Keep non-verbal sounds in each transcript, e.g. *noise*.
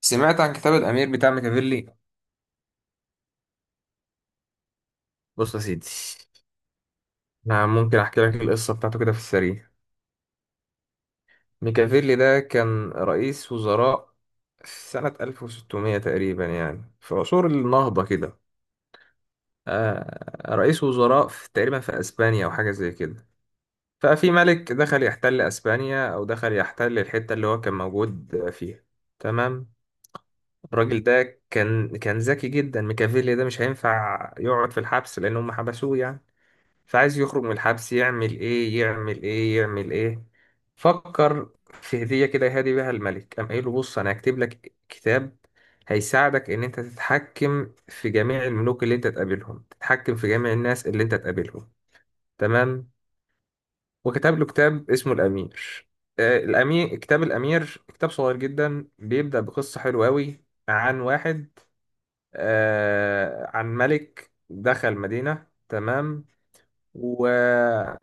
سمعت عن كتاب الأمير بتاع ميكافيلي؟ بص يا سيدي، أنا ممكن أحكي لك القصة بتاعته كده في السريع. ميكافيلي ده كان رئيس وزراء في سنة 1600 تقريبا، يعني في عصور النهضة كده. آه، رئيس وزراء في تقريبا في أسبانيا أو حاجة زي كده. ففي ملك دخل يحتل أسبانيا أو دخل يحتل الحتة اللي هو كان موجود فيها. تمام. الراجل ده كان ذكي جدا، ميكافيلي ده مش هينفع يقعد في الحبس لأن هم حبسوه يعني. فعايز يخرج من الحبس، يعمل ايه يعمل ايه يعمل ايه؟ فكر في هدية كده يهدي بيها الملك، قام قايل له بص انا هكتب لك كتاب هيساعدك ان انت تتحكم في جميع الملوك اللي انت تقابلهم، تتحكم في جميع الناس اللي انت تقابلهم. تمام. وكتب له كتاب اسمه الامير. الامير، كتاب الامير كتاب صغير جدا، بيبدأ بقصة حلوة قوي عن واحد، عن ملك دخل مدينة. تمام.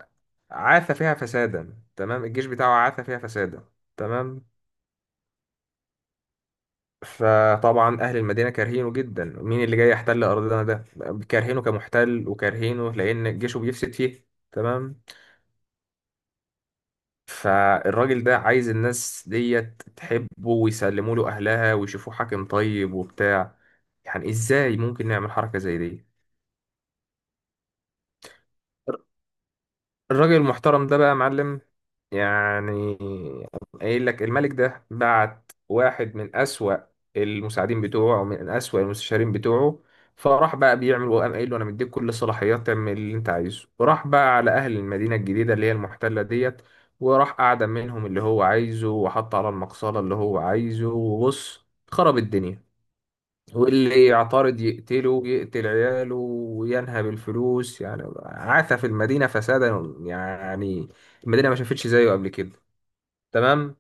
عاث فيها فسادا، تمام، الجيش بتاعه عاث فيها فسادا. تمام. فطبعا اهل المدينه كارهينه جدا، مين اللي جاي يحتل ارضنا ده؟ كارهينه كمحتل وكارهينه لان جيشه بيفسد فيه. تمام. فالراجل ده عايز الناس ديت تحبه ويسلموا له اهلها ويشوفوه حاكم طيب وبتاع. يعني ازاي ممكن نعمل حركه زي دي؟ الراجل المحترم ده بقى يا معلم، يعني قايل لك الملك ده بعت واحد من أسوأ المساعدين بتوعه ومن أسوأ المستشارين بتوعه. فراح بقى بيعمل، وقام قايل له انا مديك كل الصلاحيات تعمل اللي انت عايزه، وراح بقى على اهل المدينه الجديده اللي هي المحتله ديت، وراح اعدم منهم اللي هو عايزه، وحط على المقصله اللي هو عايزه، وبص، خرب الدنيا. واللي يعترض يقتله، يقتل عياله، وينهب الفلوس، يعني عاث في المدينة فسادا يعني، المدينة ما شافتش زيه قبل كده. تمام.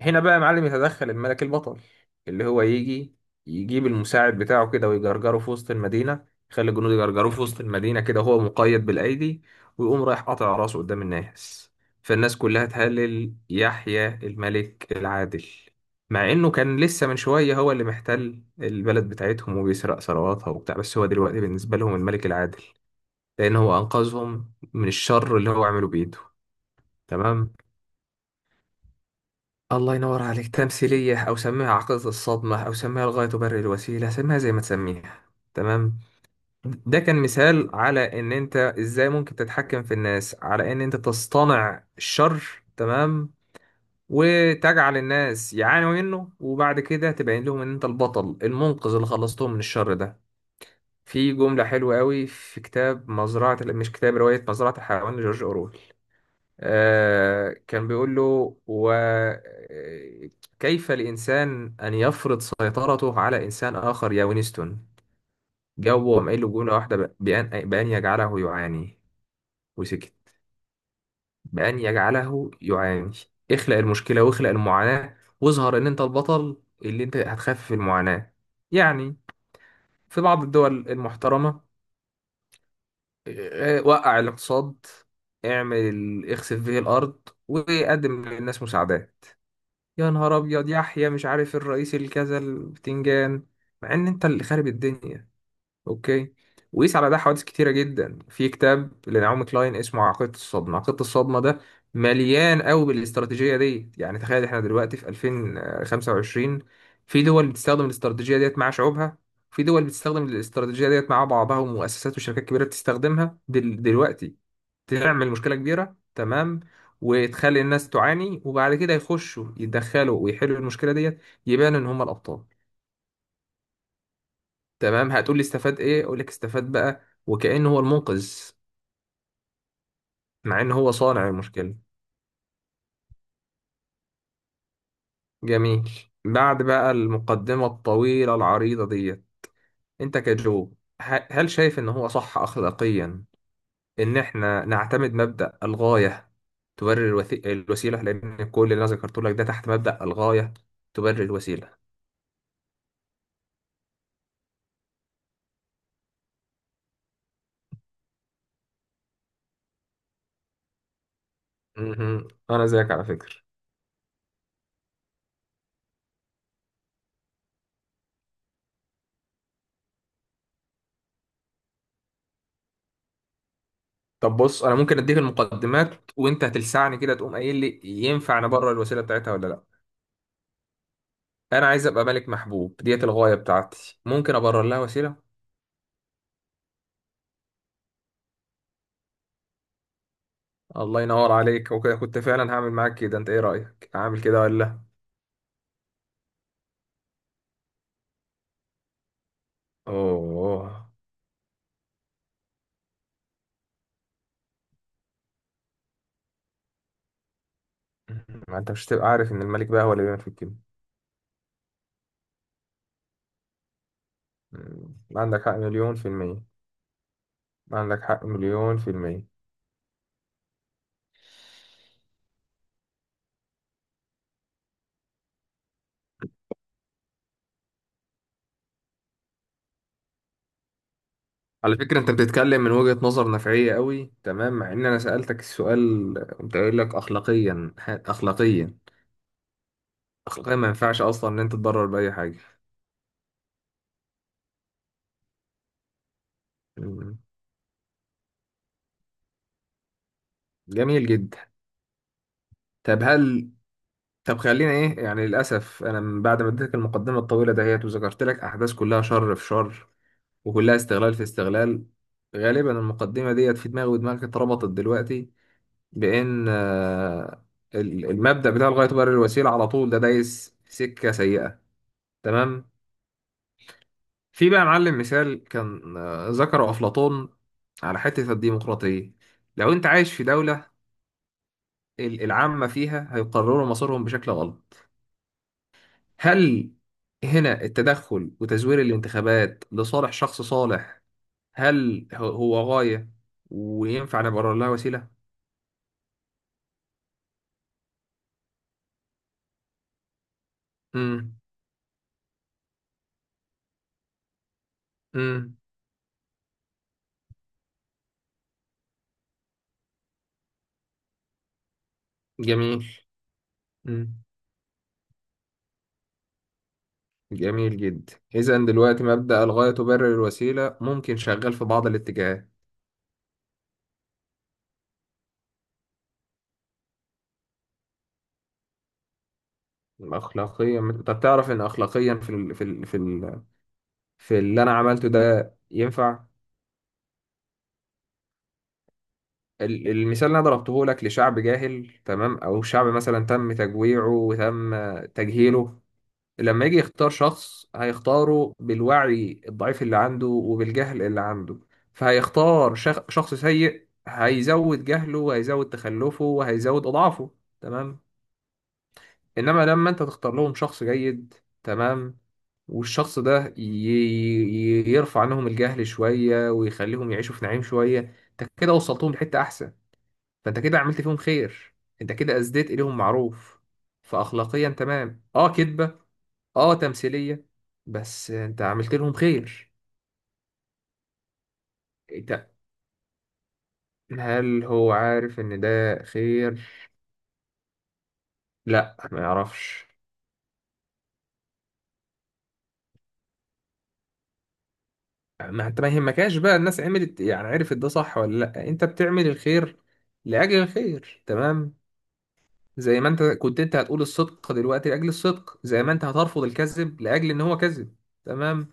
هنا بقى يا معلم يتدخل الملك البطل، اللي هو يجي يجيب المساعد بتاعه كده ويجرجره في وسط المدينة، يخلي الجنود يجرجروه في وسط المدينة كده وهو مقيد بالأيدي، ويقوم رايح قاطع راسه قدام الناس. فالناس كلها تهلل يحيى الملك العادل، مع إنه كان لسه من شوية هو اللي محتل البلد بتاعتهم وبيسرق ثرواتها وبتاع، بس هو دلوقتي بالنسبة لهم الملك العادل، لأن هو أنقذهم من الشر اللي هو عمله بإيده. تمام. الله ينور عليك، تمثيلية أو سميها عقدة الصدمة أو سميها الغاية تبرر الوسيلة، سميها زي ما تسميها. تمام. ده كان مثال على إن أنت إزاي ممكن تتحكم في الناس، على إن أنت تصطنع الشر، تمام، وتجعل الناس يعانوا منه، وبعد كده تبين لهم إن أنت البطل المنقذ اللي خلصتهم من الشر ده. في جملة حلوة قوي في كتاب مزرعة، مش كتاب، رواية مزرعة الحيوان لجورج أورويل. كان بيقول له وكيف الإنسان أن يفرض سيطرته على إنسان آخر يا وينستون. جاوب وقام قايل له جملة واحدة، بأن يجعله يعاني، وسكت. بأن يجعله يعاني. اخلق المشكلة واخلق المعاناة، واظهر إن أنت البطل اللي أنت هتخفف المعاناة يعني. في بعض الدول المحترمة، وقع الاقتصاد، اعمل اخسف به الأرض، وقدم للناس مساعدات. يا نهار ابيض، يحيى مش عارف الرئيس الكذا البتنجان، مع ان انت اللي خارب الدنيا. اوكي. وقيس على ده حوادث كتيره جدا في كتاب لنعومي كلاين اسمه عقيده الصدمه. عقيده الصدمه ده مليان قوي بالاستراتيجيه دي، يعني تخيل احنا دلوقتي في 2025، في دول بتستخدم الاستراتيجيه ديت مع شعوبها، في دول بتستخدم الاستراتيجيه ديت مع بعضها، ومؤسسات وشركات كبيره بتستخدمها دلوقتي. تعمل مشكلة كبيرة، تمام، وتخلي الناس تعاني، وبعد كده يخشوا يتدخلوا ويحلوا المشكلة ديت، يبان ان هم الابطال. تمام. هتقول لي استفاد ايه؟ اقول لك استفاد بقى وكأنه هو المنقذ، مع ان هو صانع المشكلة. جميل. بعد بقى المقدمة الطويلة العريضة ديت، انت كجو، هل شايف ان هو صح اخلاقيا ان احنا نعتمد مبدأ الغاية تبرر الوسيلة؟ لان كل اللي انا ذكرته لك ده تحت مبدأ الغاية تبرر الوسيلة. مهم. انا زيك على فكره. طب بص، انا ممكن اديك المقدمات وانت هتلسعني كده تقوم قايل لي ينفع نبرر الوسيله بتاعتها ولا لا. انا عايز ابقى ملك محبوب، ديت الغايه بتاعتي، ممكن ابرر لها وسيله. الله ينور عليك، وكده كنت فعلا هعمل معاك كده. انت ايه رايك، هعمل كده ولا لا؟ اوه. ما انت مش هتبقى عارف ان الملك بقى هو اللي بيعمل في الكلمه. مم. عندك حق مليون في المية. عندك حق مليون في المية. على فكرة انت بتتكلم من وجهة نظر نفعية قوي، تمام، مع ان انا سألتك السؤال قمت قايل لك اخلاقيا، اخلاقيا. اخلاقيا ما ينفعش اصلا ان انت تضرر بأي حاجة. مم. جميل جدا. طب هل، طب خلينا ايه يعني، للاسف انا من بعد ما اديتك المقدمة الطويلة دهيت وذكرت لك احداث كلها شر في شر، وكلها استغلال في استغلال، غالبا المقدمة ديت في دماغي ودماغك اتربطت دلوقتي بان المبدأ بتاع الغاية تبرر الوسيلة على طول ده دايس في سكة سيئة. تمام. في بقى يا معلم مثال كان ذكره أفلاطون على حتة الديمقراطية. لو أنت عايش في دولة العامة فيها هيقرروا مصيرهم بشكل غلط، هل هنا التدخل وتزوير الانتخابات لصالح شخص صالح، هل هو هو غاية وينفع نبرر لها وسيلة؟ امم. امم. جميل. امم. جميل جدا. إذا دلوقتي مبدأ الغاية تبرر الوسيلة ممكن شغال في بعض الاتجاهات. اخلاقيا، طب تعرف ان اخلاقيا في اللي انا عملته ده ينفع. المثال اللي انا ضربته لك لشعب جاهل، تمام، او شعب مثلا تم تجويعه وتم تجهيله، لما يجي يختار شخص هيختاره بالوعي الضعيف اللي عنده وبالجهل اللي عنده، فهيختار شخص سيء، هيزود جهله وهيزود تخلفه وهيزود اضعافه. تمام. انما لما انت تختار لهم شخص جيد، تمام، والشخص ده يرفع عنهم الجهل شوية ويخليهم يعيشوا في نعيم شوية، انت كده وصلتهم لحتة احسن. فانت كده عملت فيهم خير، انت كده اسديت اليهم معروف. فاخلاقيا تمام، اه كدبة، اه تمثيلية، بس انت عملت لهم خير. انت، هل هو عارف ان ده خير؟ لا، ما يعرفش. ما انت ما يهمكش بقى الناس عملت إيه، يعني عرفت ده صح ولا لا، انت بتعمل الخير لاجل الخير. تمام. زي ما انت كنت، انت هتقول الصدق دلوقتي لاجل الصدق، زي ما انت هترفض الكذب لاجل ان هو كذب. تمام.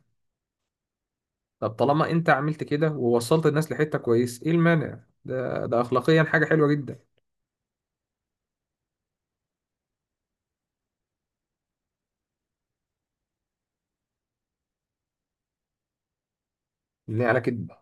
طب طالما انت عملت كده ووصلت الناس لحتة كويس، ايه المانع؟ ده ده اخلاقيا حاجة حلوة جدا. يعني على كده.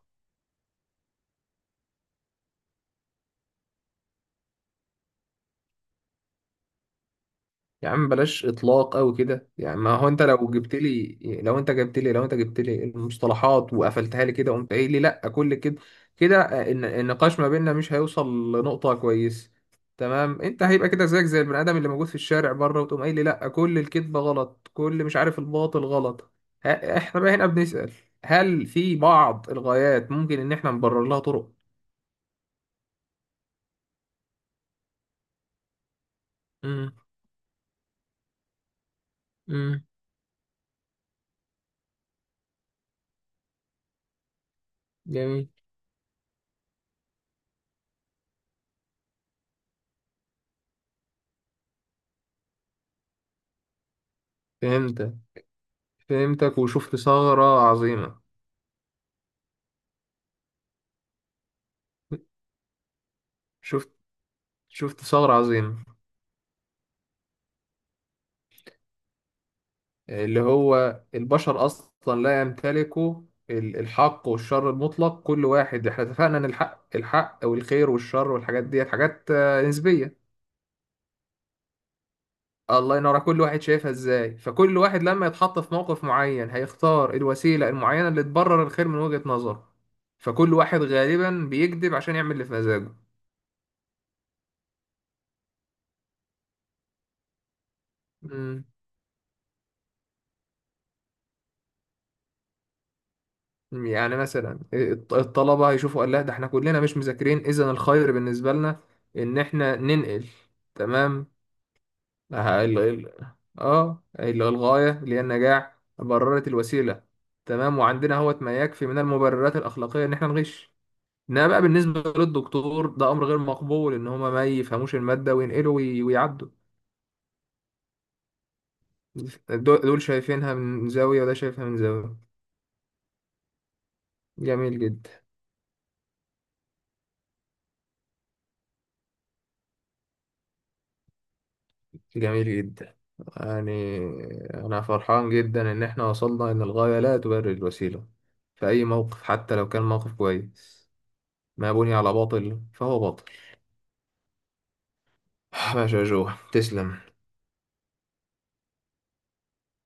يا عم بلاش اطلاق قوي كده يعني. ما هو انت لو جبت لي، لو انت جبت لي المصطلحات وقفلتها لي كده وقمت قايل لي لا كل كده كده، النقاش ما بيننا مش هيوصل لنقطة كويس. تمام. انت هيبقى كده زيك زي البني ادم اللي موجود في الشارع بره، وتقوم قايل لي لا كل الكذبة غلط، كل مش عارف الباطل غلط. احنا بقى هنا بنسأل، هل في بعض الغايات ممكن ان احنا نبرر لها طرق؟ امم. امم. جميل. فهمتك. فهمتك وشفت ثغرة عظيمة. شفت، شفت ثغرة عظيمة. اللي هو البشر أصلا لا يمتلكوا الحق والشر المطلق، كل واحد، احنا اتفقنا ان الحق الحق والخير والشر والحاجات ديت حاجات نسبية. الله ينور، على كل واحد شايفها ازاي، فكل واحد لما يتحط في موقف معين هيختار الوسيلة المعينة اللي تبرر الخير من وجهة نظره. فكل واحد غالبا بيكذب عشان يعمل اللي في مزاجه. يعني مثلا الطلبة هيشوفوا قال لا ده احنا كلنا مش مذاكرين، اذا الخير بالنسبة لنا ان احنا ننقل. تمام. اه ال- ال- الغاية اللي هي النجاح بررت الوسيلة. تمام. وعندنا اهوت ما يكفي من المبررات الأخلاقية ان احنا نغش. انما بقى بالنسبة للدكتور ده امر غير مقبول ان هما ما يفهموش المادة وينقلوا ويعدوا. دول دول شايفينها من زاوية وده شايفها من زاوية. جميل جدا. جميل جدا. يعني، أنا فرحان جدا إن إحنا وصلنا إن الغاية لا تبرر الوسيلة في أي موقف، حتى لو كان موقف كويس. ما بني على باطل فهو باطل. *sighs* ماشي يا جو، تسلم.